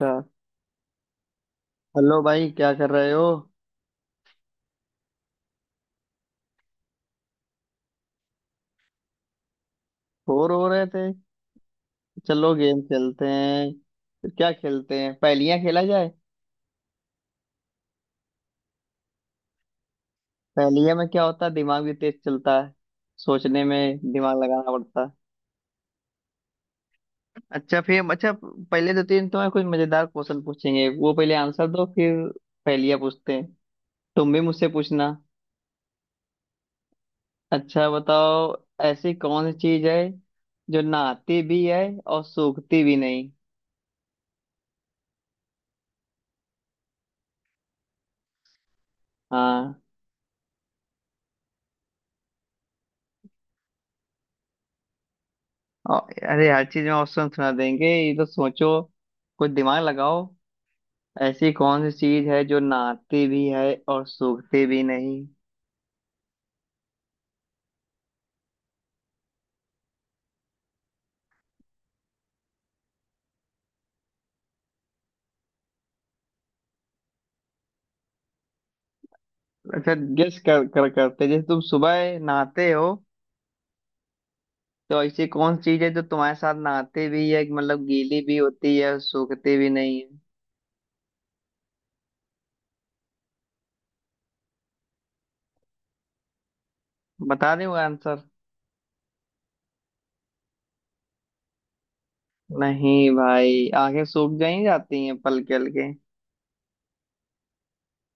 अच्छा। हेलो भाई, क्या कर रहे हो? बोर हो रहे थे? चलो गेम खेलते हैं। फिर क्या खेलते हैं, पहेलियां खेला जाए? पहेलियां में क्या होता है, दिमाग भी तेज चलता है। सोचने में दिमाग लगाना पड़ता है। अच्छा, फिर अच्छा, पहले दो तीन तुम्हें कुछ मजेदार क्वेश्चन पूछेंगे, वो पहले आंसर दो, फिर पहेलियां पूछते हैं। तुम भी मुझसे पूछना। अच्छा बताओ, ऐसी कौन सी चीज है जो नहाती भी है और सूखती भी नहीं? हाँ। अरे हर चीज में ऑप्शन सुना देंगे, ये तो सोचो, कुछ दिमाग लगाओ। ऐसी कौन सी चीज है जो नहाती भी है और सूखती भी नहीं? अच्छा गेस कर करते, जैसे तुम सुबह नहाते हो, तो ऐसी कौन सी चीज है जो तुम्हारे साथ नहाते भी है, मतलब गीली भी होती है और सूखती भी नहीं है? बता दे आंसर। नहीं भाई, आंखें सूख गई जाती हैं, पलके हल्के।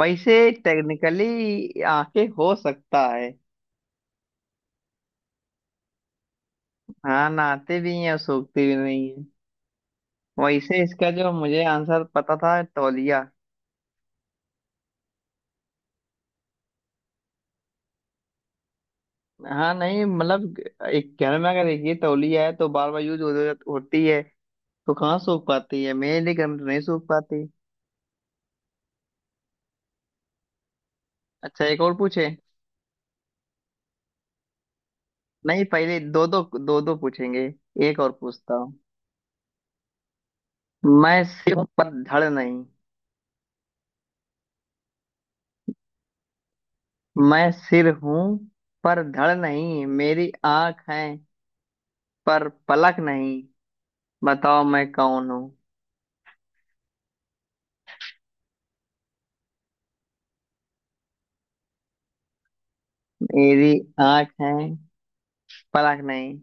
वैसे टेक्निकली आंखें हो सकता है। हाँ, नहाते भी हैं और सूखती भी नहीं। वैसे इसका जो मुझे आंसर पता था, तौलिया। हाँ नहीं, मतलब एक घर में अगर एक ये तौलिया है, तो बार बार यूज होती है, तो कहाँ सूख पाती है? मेरे लिए घर में तो नहीं सूख पाती। अच्छा, एक और पूछे? नहीं, पहले दो दो पूछेंगे। एक और पूछता हूँ। मैं सिर हूँ पर धड़ नहीं। मैं सिर हूँ पर धड़ नहीं, मेरी आंख है पर पलक नहीं। बताओ मैं कौन हूँ? मेरी आंख है, पलक नहीं।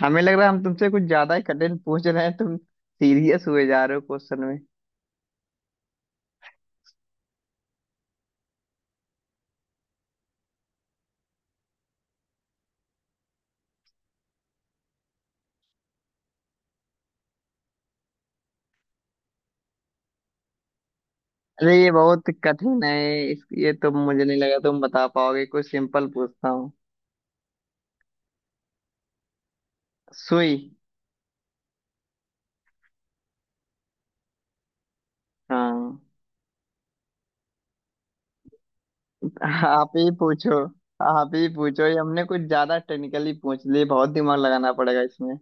हमें लग रहा है हम तुमसे कुछ ज्यादा ही कठिन पूछ रहे हैं, तुम सीरियस हुए जा रहे हो क्वेश्चन में। अरे ये बहुत कठिन है। इस ये तो मुझे नहीं लगा तुम बता पाओगे, कुछ सिंपल पूछता हूँ। सुई। हाँ, आप ही पूछो। आप ही पूछो, ये हमने कुछ ज्यादा टेक्निकली पूछ लिए, बहुत दिमाग लगाना पड़ेगा इसमें।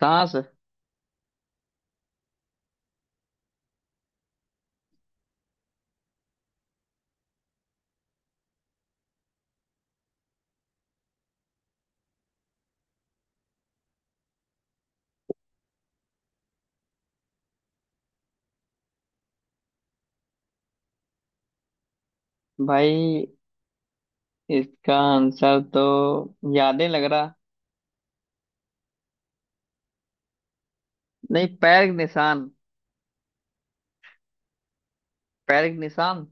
सांस। भाई इसका आंसर तो याद नहीं लग रहा। नहीं, पैर के निशान। पैर के निशान।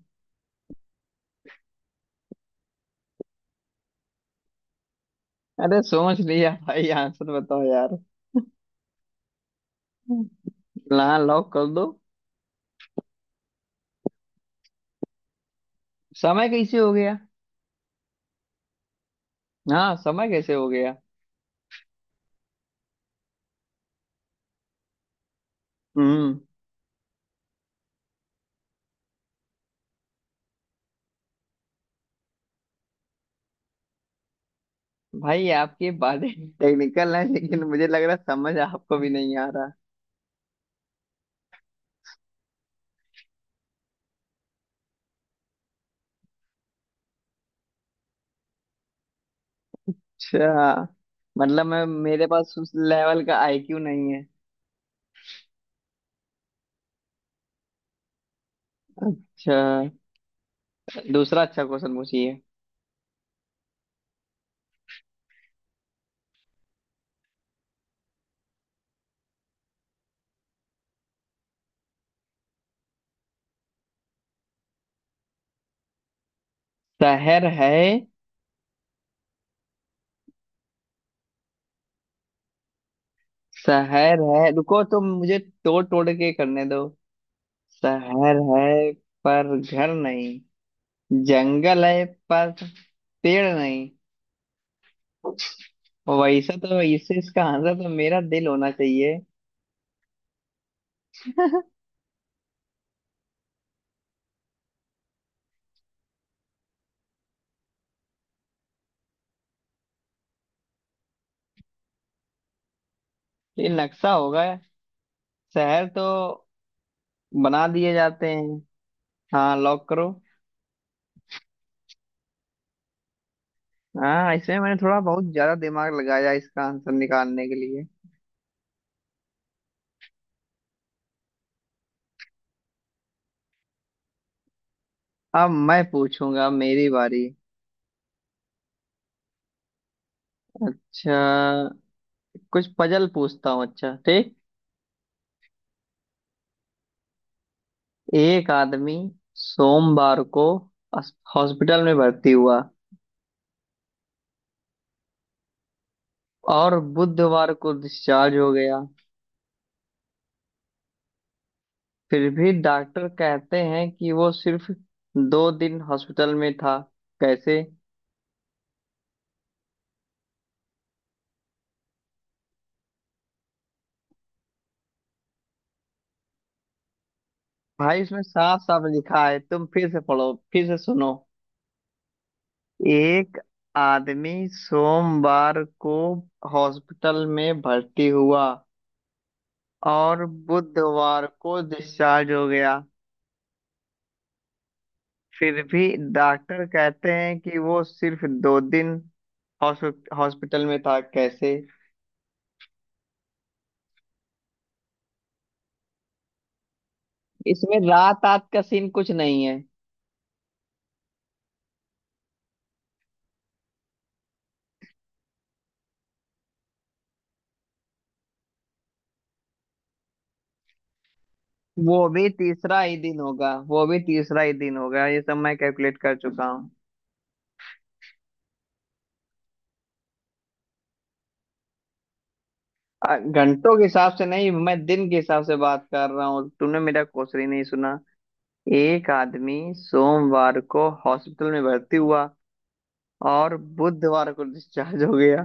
अरे सोच लिया भाई, आंसर बताओ यार। हाँ, लॉक कर दो। समय कैसे हो गया? हाँ, समय कैसे हो गया? हम्म। भाई आपकी बातें टेक्निकल है, लेकिन मुझे लग रहा है समझ आपको भी नहीं आ रहा। अच्छा, मतलब मैं, मेरे पास उस लेवल का आईक्यू नहीं है। अच्छा, दूसरा अच्छा क्वेश्चन पूछिए। शहर है। शहर है, रुको तो मुझे तोड़ तोड़ के करने दो। शहर है पर घर नहीं, जंगल है पर पेड़ नहीं। और वैसा तो इससे इसका आंसर तो मेरा दिल होना चाहिए। ये नक्शा होगा, शहर तो बना दिए जाते हैं। हाँ, लॉक करो। हाँ, इसमें मैंने थोड़ा बहुत ज्यादा दिमाग लगाया इसका आंसर निकालने के लिए। अब मैं पूछूंगा, अब मेरी बारी। अच्छा, कुछ पजल पूछता हूँ, अच्छा ठीक। एक आदमी सोमवार को हॉस्पिटल में भर्ती हुआ, और बुधवार को डिस्चार्ज हो गया। फिर भी डॉक्टर कहते हैं कि वो सिर्फ दो दिन हॉस्पिटल में था, कैसे? भाई उसमें साफ साफ लिखा है, तुम फिर से पढ़ो, फिर से सुनो। एक आदमी सोमवार को हॉस्पिटल में भर्ती हुआ, और बुधवार को डिस्चार्ज हो गया। फिर भी डॉक्टर कहते हैं कि वो सिर्फ दो दिन हॉस्पिटल में था, कैसे? इसमें रात रात का सीन कुछ नहीं है। वो भी तीसरा ही दिन होगा, वो भी तीसरा ही दिन होगा, ये सब मैं कैलकुलेट कर चुका हूँ। घंटों के हिसाब से नहीं, मैं दिन के हिसाब से बात कर रहा हूँ, तूने मेरा क्वेश्चन ही नहीं सुना। एक आदमी सोमवार को हॉस्पिटल में भर्ती हुआ, और बुधवार को डिस्चार्ज हो गया।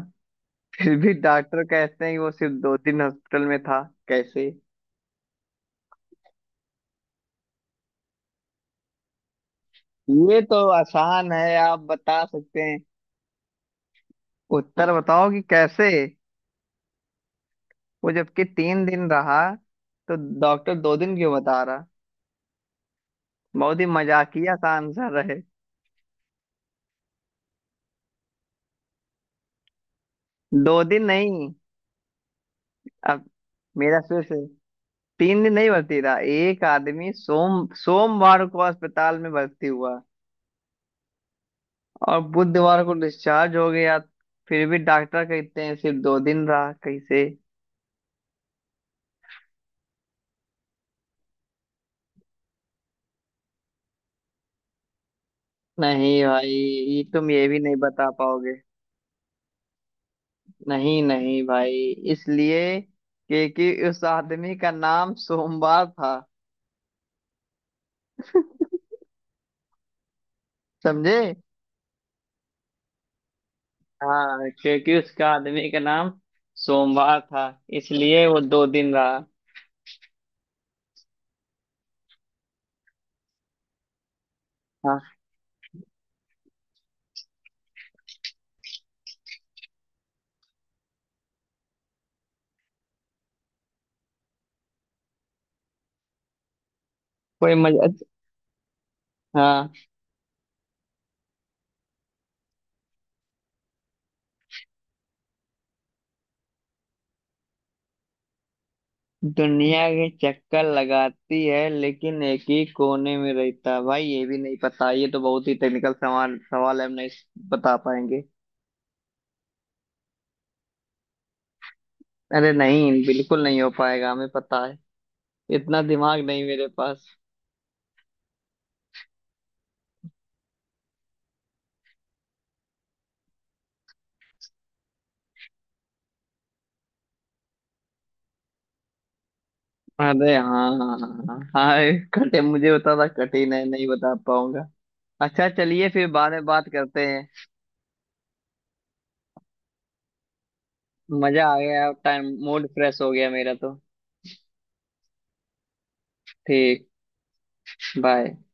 फिर भी डॉक्टर कहते हैं कि वो सिर्फ दो दिन हॉस्पिटल में था, कैसे? ये तो आसान है, आप बता सकते हैं। उत्तर बताओ कि कैसे वो जबकि तीन दिन रहा, तो डॉक्टर दो दिन क्यों बता रहा? बहुत ही मजाकिया सा आंसर रहे। दो दिन नहीं। अब मेरा फिर से, तीन दिन नहीं भर्ती था। एक आदमी सोमवार को अस्पताल में भर्ती हुआ, और बुधवार को डिस्चार्ज हो गया। फिर भी डॉक्टर कहते हैं सिर्फ दो दिन रहा, कैसे? नहीं भाई, ये तुम ये भी नहीं बता पाओगे। नहीं नहीं भाई, इसलिए क्योंकि उस आदमी का नाम सोमवार था। समझे? हाँ, क्योंकि उसका आदमी का नाम सोमवार था, इसलिए वो दो दिन रहा। हाँ, कोई मजा। हाँ। दुनिया के चक्कर लगाती है लेकिन एक ही कोने में रहता है। भाई ये भी नहीं पता, ये तो बहुत ही टेक्निकल सवाल सवाल है, हम नहीं बता पाएंगे। अरे नहीं, बिल्कुल नहीं हो पाएगा, हमें पता है इतना दिमाग नहीं मेरे पास। अरे हाँ हाँ हाँ हाँ, ये कठिन मुझे बता था, कठिन है, नहीं बता पाऊंगा। अच्छा चलिए, फिर बाद में बात करते हैं। मजा आ गया, टाइम मूड फ्रेश हो गया मेरा तो। ठीक। बाय।